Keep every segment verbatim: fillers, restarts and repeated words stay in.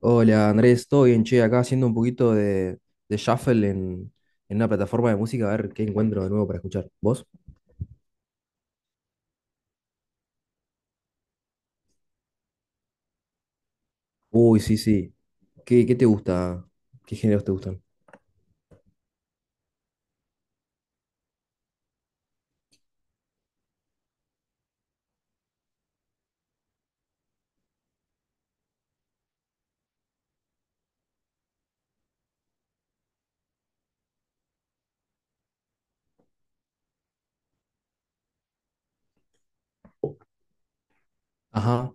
Hola Andrés, ¿todo bien? Che, acá haciendo un poquito de, de shuffle en, en una plataforma de música, a ver qué encuentro de nuevo para escuchar. ¿Vos? Uy, sí, sí. ¿Qué, qué te gusta? ¿Qué géneros te gustan? Ajá,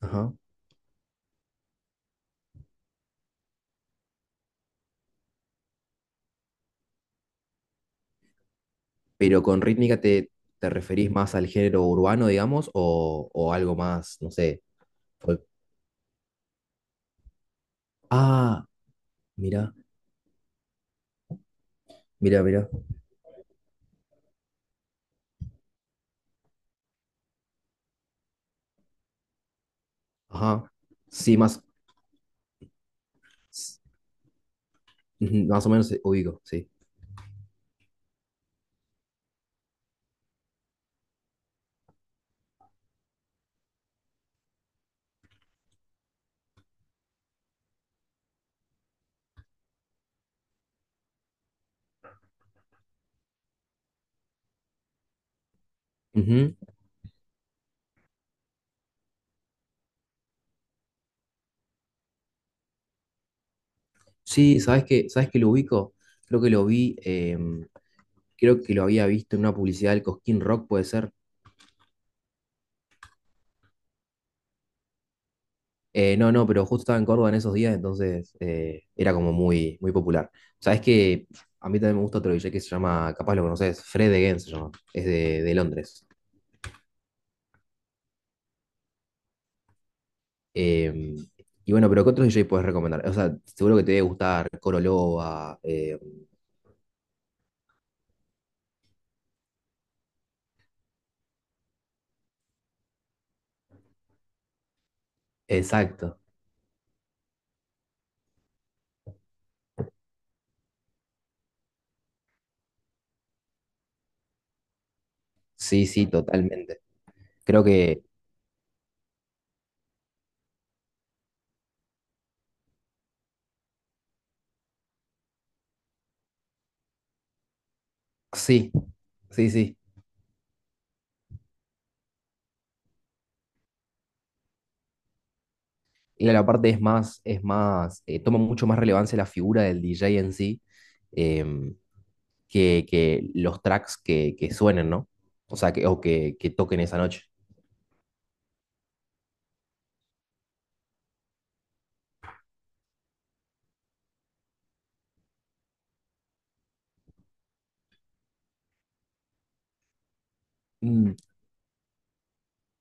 ajá. Pero con rítmica te, te referís más al género urbano, digamos, o, o algo más, no sé. ¿Folk? Ah, mira, mira, mira. Ajá. Sí, más, s- ujú, más o menos eh, ubico, sí. Ujú. Sí, ¿sabes qué? ¿Sabes qué? Lo ubico. Creo que lo vi. Creo que lo había visto en una publicidad del Cosquín Rock, puede ser. Eh, no, no, pero justo estaba en Córdoba en esos días, entonces eh, era como muy, muy popular. Sabes que a mí también me gusta otro D J que se llama, capaz lo conoces, Fred Again se llama, es de, de Londres. Eh, y bueno, pero ¿qué otro D J puedes recomendar? O sea, seguro que te debe gustar Corolova, eh, exacto, sí, sí, totalmente. Creo que sí, sí, sí. Y la parte es más, es más, eh, toma mucho más relevancia la figura del D J en sí. em, que, que los tracks que, que suenen, ¿no? O sea, que, o que, que toquen esa noche. Mm,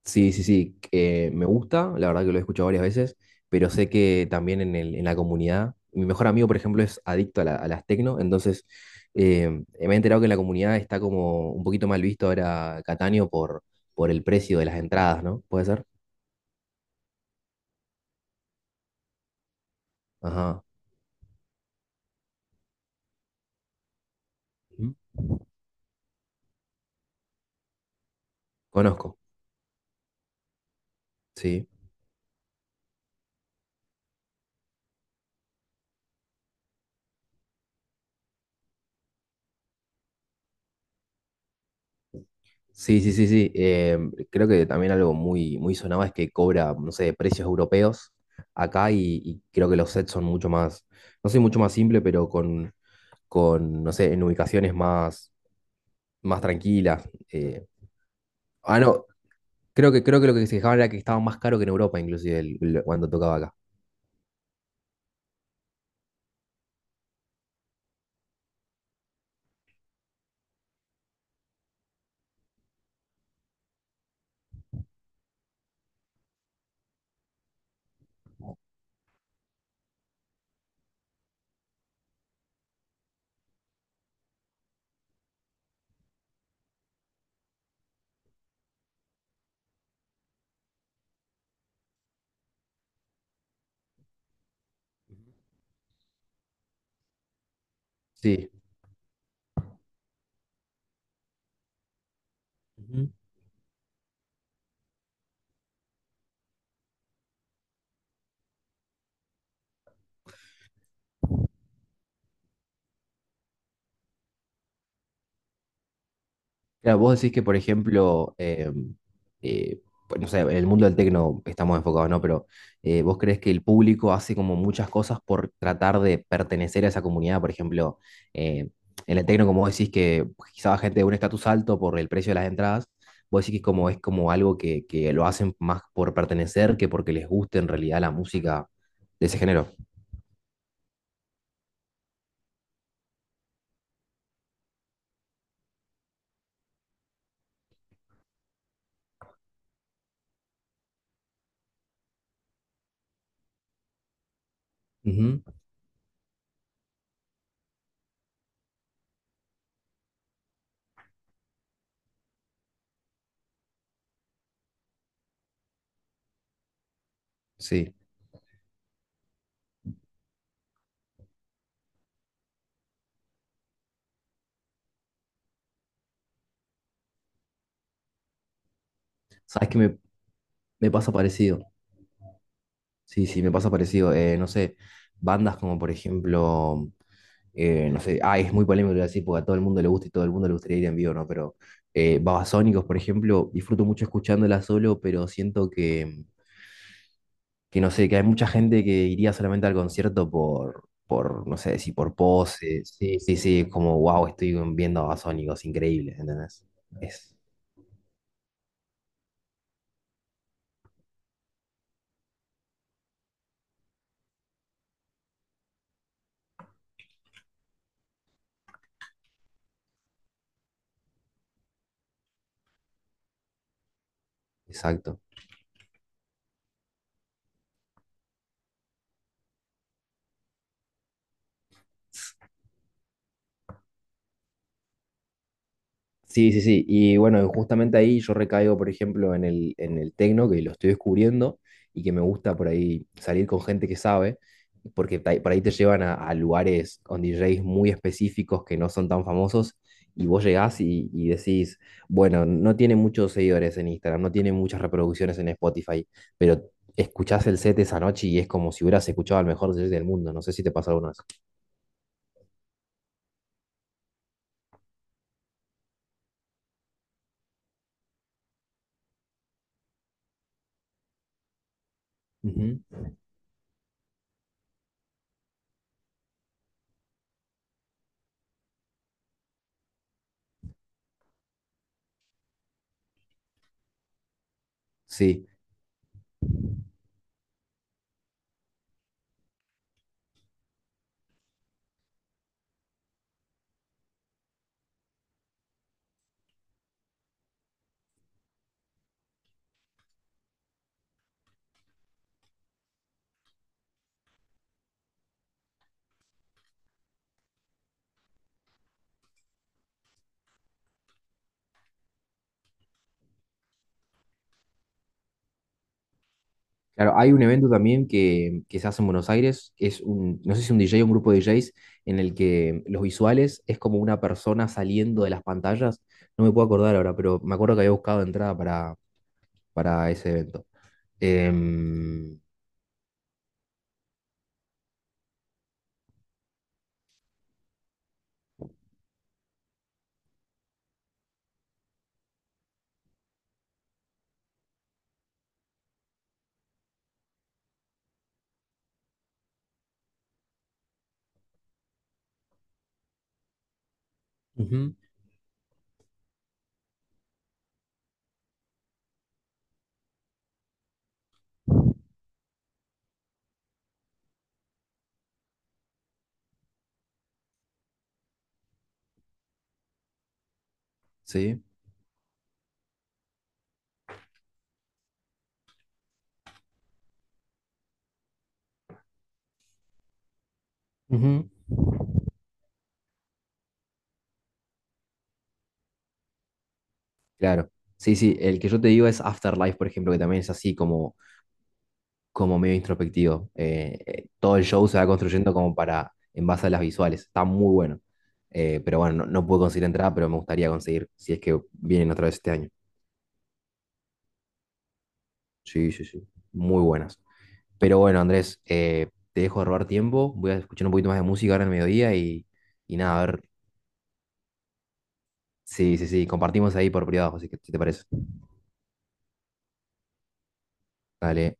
sí, sí, sí, que me gusta, la verdad que lo he escuchado varias veces, pero sé que también en el- en la comunidad, mi mejor amigo, por ejemplo, es adicto a, la- a las tecno, entonces eh, me he enterado que en la comunidad está como un poquito mal visto ahora Cataño por, por el precio de las entradas, ¿no? ¿Puede ser? Ajá. Ujú. Conozco, sí. Sí, sí, sí, sí. Em, creo que también algo muy, muy sonado es que cobra, no sé, precios europeos acá y, y creo que los sets son mucho más, no sé, mucho más simple, pero con, con, no sé, en ubicaciones más, más tranquilas. eh. Ah, no, creo que, creo que lo que se quejaban era que estaba más caro que en Europa, inclusive, el- el- cuando tocaba acá. Sí. Ujú. Claro, vos decís que, por ejemplo, em, eh, pues, no sé, en el mundo del tecno estamos enfocados, ¿no? Pero eh, vos crees que el público hace como muchas cosas por tratar de pertenecer a esa comunidad, por ejemplo, eh, en el tecno, como vos decís que quizá va gente de un estatus alto por el precio de las entradas, vos decís que como, es como algo que, que lo hacen más por pertenecer que porque les guste en realidad la música de ese género. Ujú, sí, sabes que me, me pasa parecido. Sí, sí, me pasa parecido. Eh, no sé, bandas como por ejemplo, eh, no sé, ah, es muy polémico lo que voy a decir porque a todo el mundo le gusta y todo el mundo le gustaría ir en vivo, ¿no? Pero eh, Babasónicos, por ejemplo, disfruto mucho escuchándola solo, pero siento que, que no sé, que hay mucha gente que iría solamente al concierto por, por no sé, si por poses. Sí, sí, sí, es como, wow, estoy viendo a Babasónicos, increíble, ¿entendés? Es, exacto. Sí, sí, sí. Y bueno, justamente ahí yo recaigo, por ejemplo, en el, en el tecno, que lo estoy descubriendo y que me gusta por ahí salir con gente que sabe, porque ta- por ahí te llevan a, a lugares con D Js muy específicos que no son tan famosos y vos llegás y, y decís, bueno, no tiene muchos seguidores en Instagram, no tiene muchas reproducciones en Spotify, pero escuchás el set esa noche y es como si hubieras escuchado al mejor D J del mundo. No sé si te pasa alguna vez. Ujú. Sí. Claro, hay un evento también que, que se hace en Buenos Aires, que es un, no sé si un D J o un grupo de D Js, en el que los visuales es como una persona saliendo de las pantallas. No me puedo acordar ahora, pero me acuerdo que había buscado entrada para, para ese evento. Em, ujú, sí, ujú, claro. Sí, sí, el que yo te digo es Afterlife, por ejemplo, que también es así como como medio introspectivo. Eh, eh, todo el show se va construyendo como para, en base a las visuales. Está muy bueno. Eh, pero bueno, no, no pude conseguir entrada, pero me gustaría conseguir si es que vienen otra vez este año. Sí, sí, sí. Muy buenas. Pero bueno, Andrés, eh, te dejo de robar tiempo. Voy a escuchar un poquito más de música ahora en el mediodía y, y nada, a ver. Sí, sí, sí. Compartimos ahí por privado, así que si te parece. Dale.